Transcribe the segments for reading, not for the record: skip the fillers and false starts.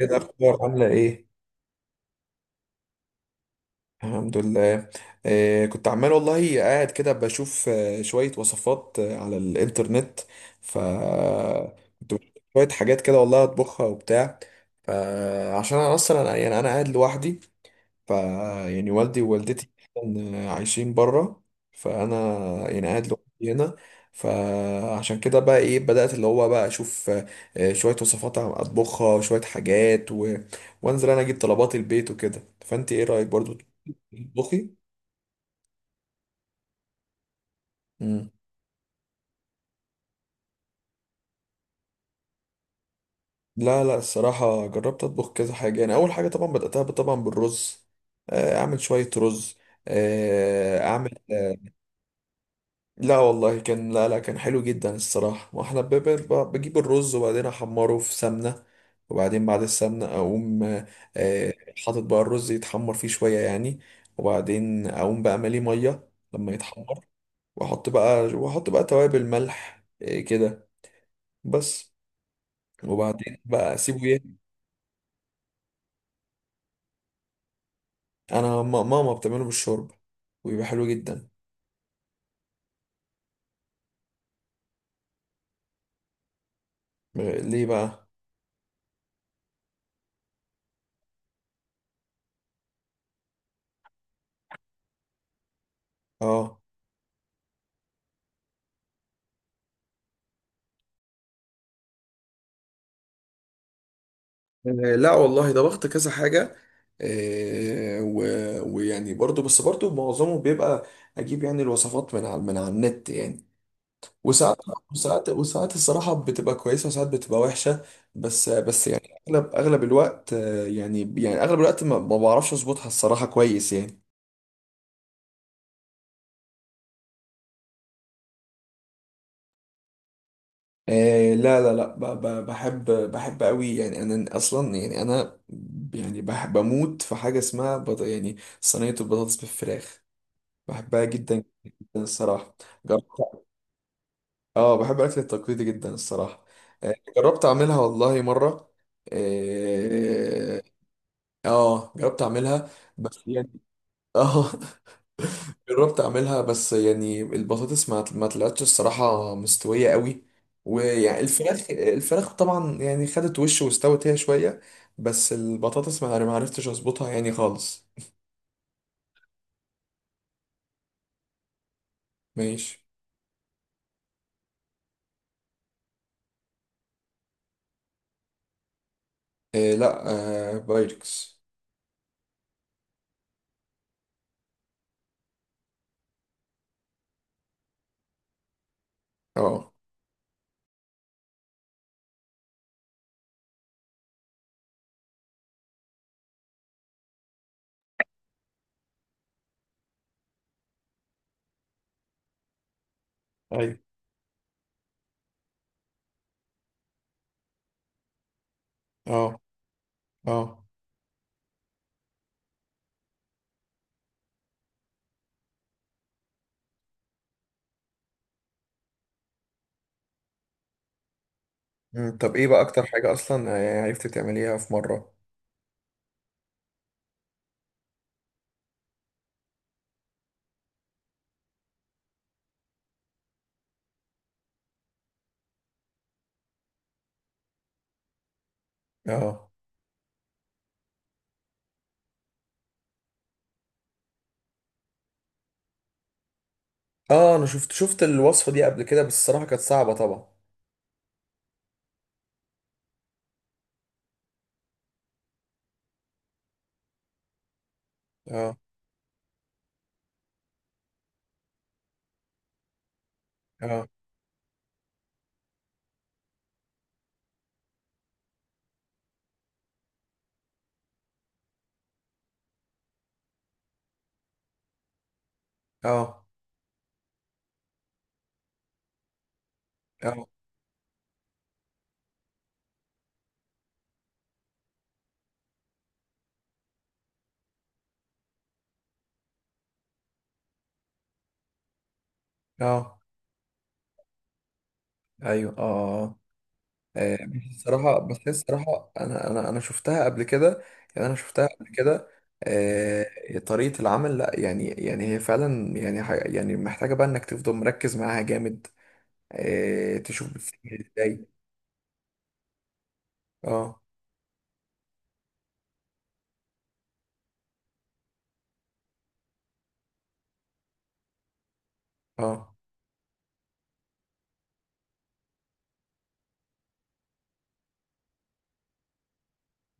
ايه الاخبار؟ عامله ايه؟ الحمد لله. كنت عمال والله قاعد كده بشوف شويه وصفات على الانترنت. ف كنت بشوف شويه حاجات كده والله اطبخها وبتاع. فعشان انا اصلا يعني قاعد لوحدي. ف يعني والدي ووالدتي عايشين بره. فانا يعني قاعد لوحدي هنا. فعشان كده بقى ايه، بدأت اللي هو بقى اشوف شوية وصفات، عم اطبخها شوية حاجات وانزل انا اجيب طلبات البيت وكده. فانت ايه رأيك برضو تطبخي؟ مم. لا لا، الصراحة جربت أطبخ كذا حاجة. يعني أول حاجة طبعا بدأتها طبعا بالرز. أعمل شوية رز. آه، أعمل لا والله كان، لا لا كان حلو جدا الصراحة. واحنا بجيب الرز وبعدين احمره في سمنة، وبعدين بعد السمنة اقوم آه، حاطط بقى الرز يتحمر فيه شوية يعني. وبعدين اقوم بقى ماليه مية لما يتحمر، واحط بقى، واحط بقى توابل، ملح، كده بس. وبعدين بقى اسيبه ايه. انا ماما بتعمله بالشوربة وبيبقى حلو جدا. ليه بقى؟ اه. آه، لا والله، ده ضغط كذا حاجة. ويعني برضو، بس برضو معظمه بيبقى أجيب يعني الوصفات من على، من على النت يعني. وساعات وساعات الصراحة بتبقى كويسة، وساعات بتبقى وحشة. بس بس يعني أغلب الوقت، يعني، يعني أغلب الوقت ما بعرفش أظبطها الصراحة كويس يعني. لا لا لا، بحب، بحب قوي يعني. انا اصلا يعني انا يعني بحب اموت في حاجه اسمها يعني صينيه البطاطس بالفراخ. بحبها جدا الصراحة. جربت. اه، بحب الأكل التقليدي جدا الصراحة. جربت أعملها والله مرة. اه. جربت أعملها بس يعني. اه جربت أعملها، بس يعني البطاطس ما طلعتش الصراحة مستوية قوي. ويعني الفراخ طبعا يعني خدت وش واستوت هي شوية. بس البطاطس ما عرفتش أظبطها يعني خالص. ماشي. لا، بايركس. اه. ايوه. اه. اه. مم. طب ايه بقى اكتر حاجة اصلا عرفتي تعمليها في مرة؟ اه. اه، انا شفت الوصفة دي قبل كده، بس الصراحة كانت صعبة طبعا. اه. اه. اه. اه. اه. ايوه. اه. اه. بس الصراحة، بس هي الصراحة انا شفتها قبل كده. يعني انا شفتها قبل كده. آه، طريقة العمل. لا يعني، يعني هي فعلا يعني، يعني محتاجة بقى انك تفضل مركز معاها جامد. آه، تشوف بتتعمل ازاي. اه. اه.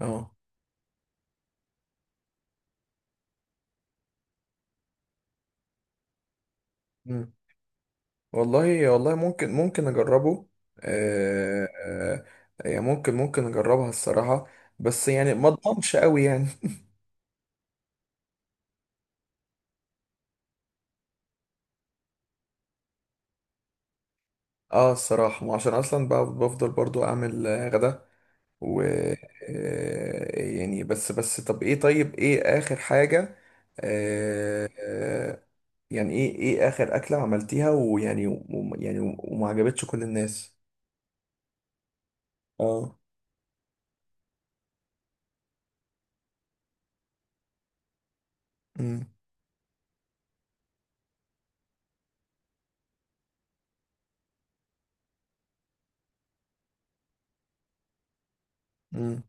اه. والله، والله ممكن، ممكن اجربه. آه، آه، يعني ممكن، ممكن اجربها الصراحة. بس يعني ما اضمنش قوي يعني. اه الصراحة، ما عشان اصلا بقى بفضل برضو اعمل غدا. و يعني، بس بس، طب ايه، طيب ايه اخر حاجة. آه، آه، يعني ايه، ايه اخر اكلة عملتيها ويعني، يعني وما عجبتش كل الناس؟ اه. امم. امم.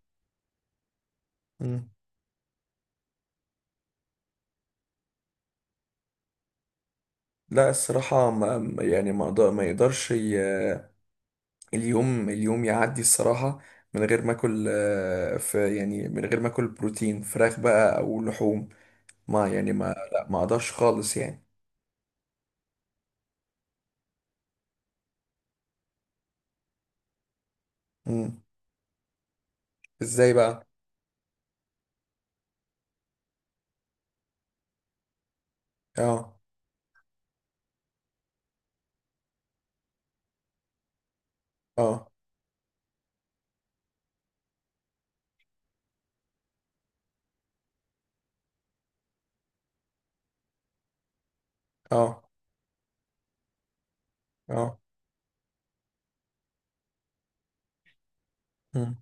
امم. لا الصراحة، يعني ما يقدرش اليوم، اليوم يعدي الصراحة من غير ما اكل في يعني، من غير ما اكل بروتين، فراخ بقى او لحوم. ما يعني ما لا ما اقدرش خالص يعني. مم. ازاي بقى؟ اه. اه. اه. اه. مم.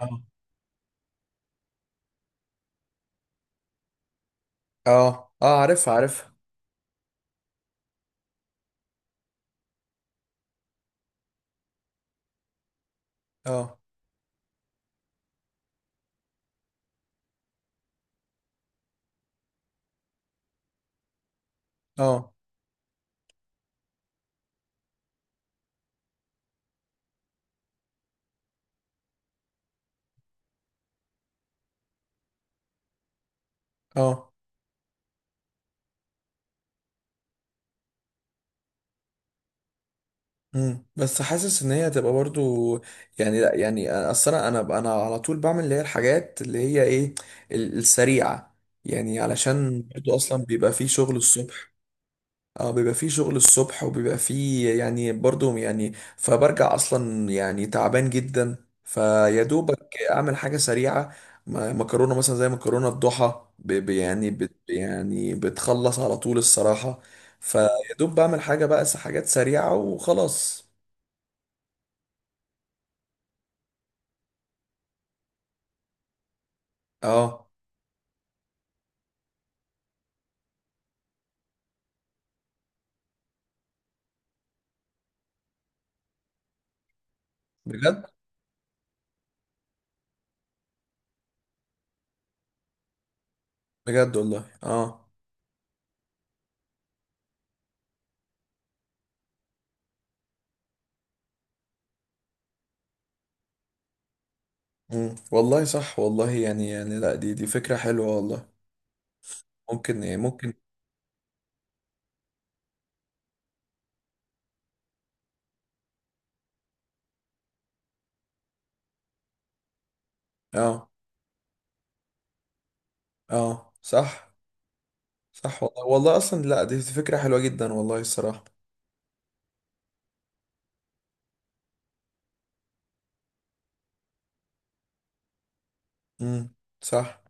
اه. اه. اه عارفها عارفها. اه. اه. اه. مم. بس حاسس ان هي هتبقى برضو يعني. لا يعني، اصل انا على طول بعمل اللي هي الحاجات اللي هي ايه، السريعة يعني، علشان برضو اصلا بيبقى فيه شغل الصبح. اه بيبقى فيه شغل الصبح وبيبقى فيه يعني برضو يعني، فبرجع اصلا يعني تعبان جدا، فيا دوبك اعمل حاجه سريعه. مكرونه مثلا زي مكرونه الضحى، يعني بت، يعني بتخلص على طول الصراحه. فيا دوب بعمل حاجه بقى، حاجات سريعه وخلاص. اه. بجد؟ بجد والله. اه. مم. والله صح والله، يعني، يعني لا، دي فكره حلوه والله. ممكن، إيه، ممكن. اه. اه. صح، صح والله. والله اصلا لا، دي فكرة حلوة جدا والله الصراحة. امم. صح.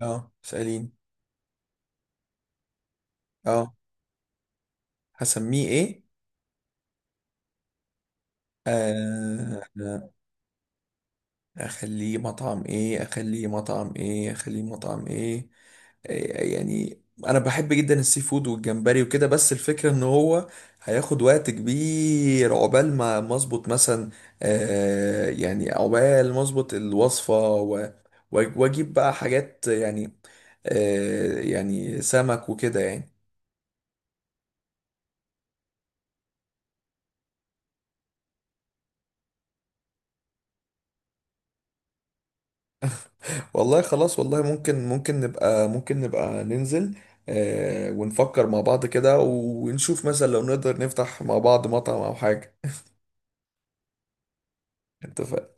اه، سألين. اه، هسميه ايه؟ آه آه، اخليه مطعم ايه، اخليه مطعم ايه، اخليه مطعم ايه؟ يعني انا بحب جدا السي فود والجمبري وكده. بس الفكره ان هو هياخد وقت كبير عقبال ما، ما اظبط مثلا. آه يعني، عقبال ما اظبط الوصفه واجيب بقى حاجات يعني، آه يعني سمك وكده يعني. والله خلاص، والله ممكن، ممكن نبقى، ممكن نبقى ننزل، آه، ونفكر مع بعض كده ونشوف مثلا لو نقدر نفتح مع بعض مطعم او حاجه. اتفقنا.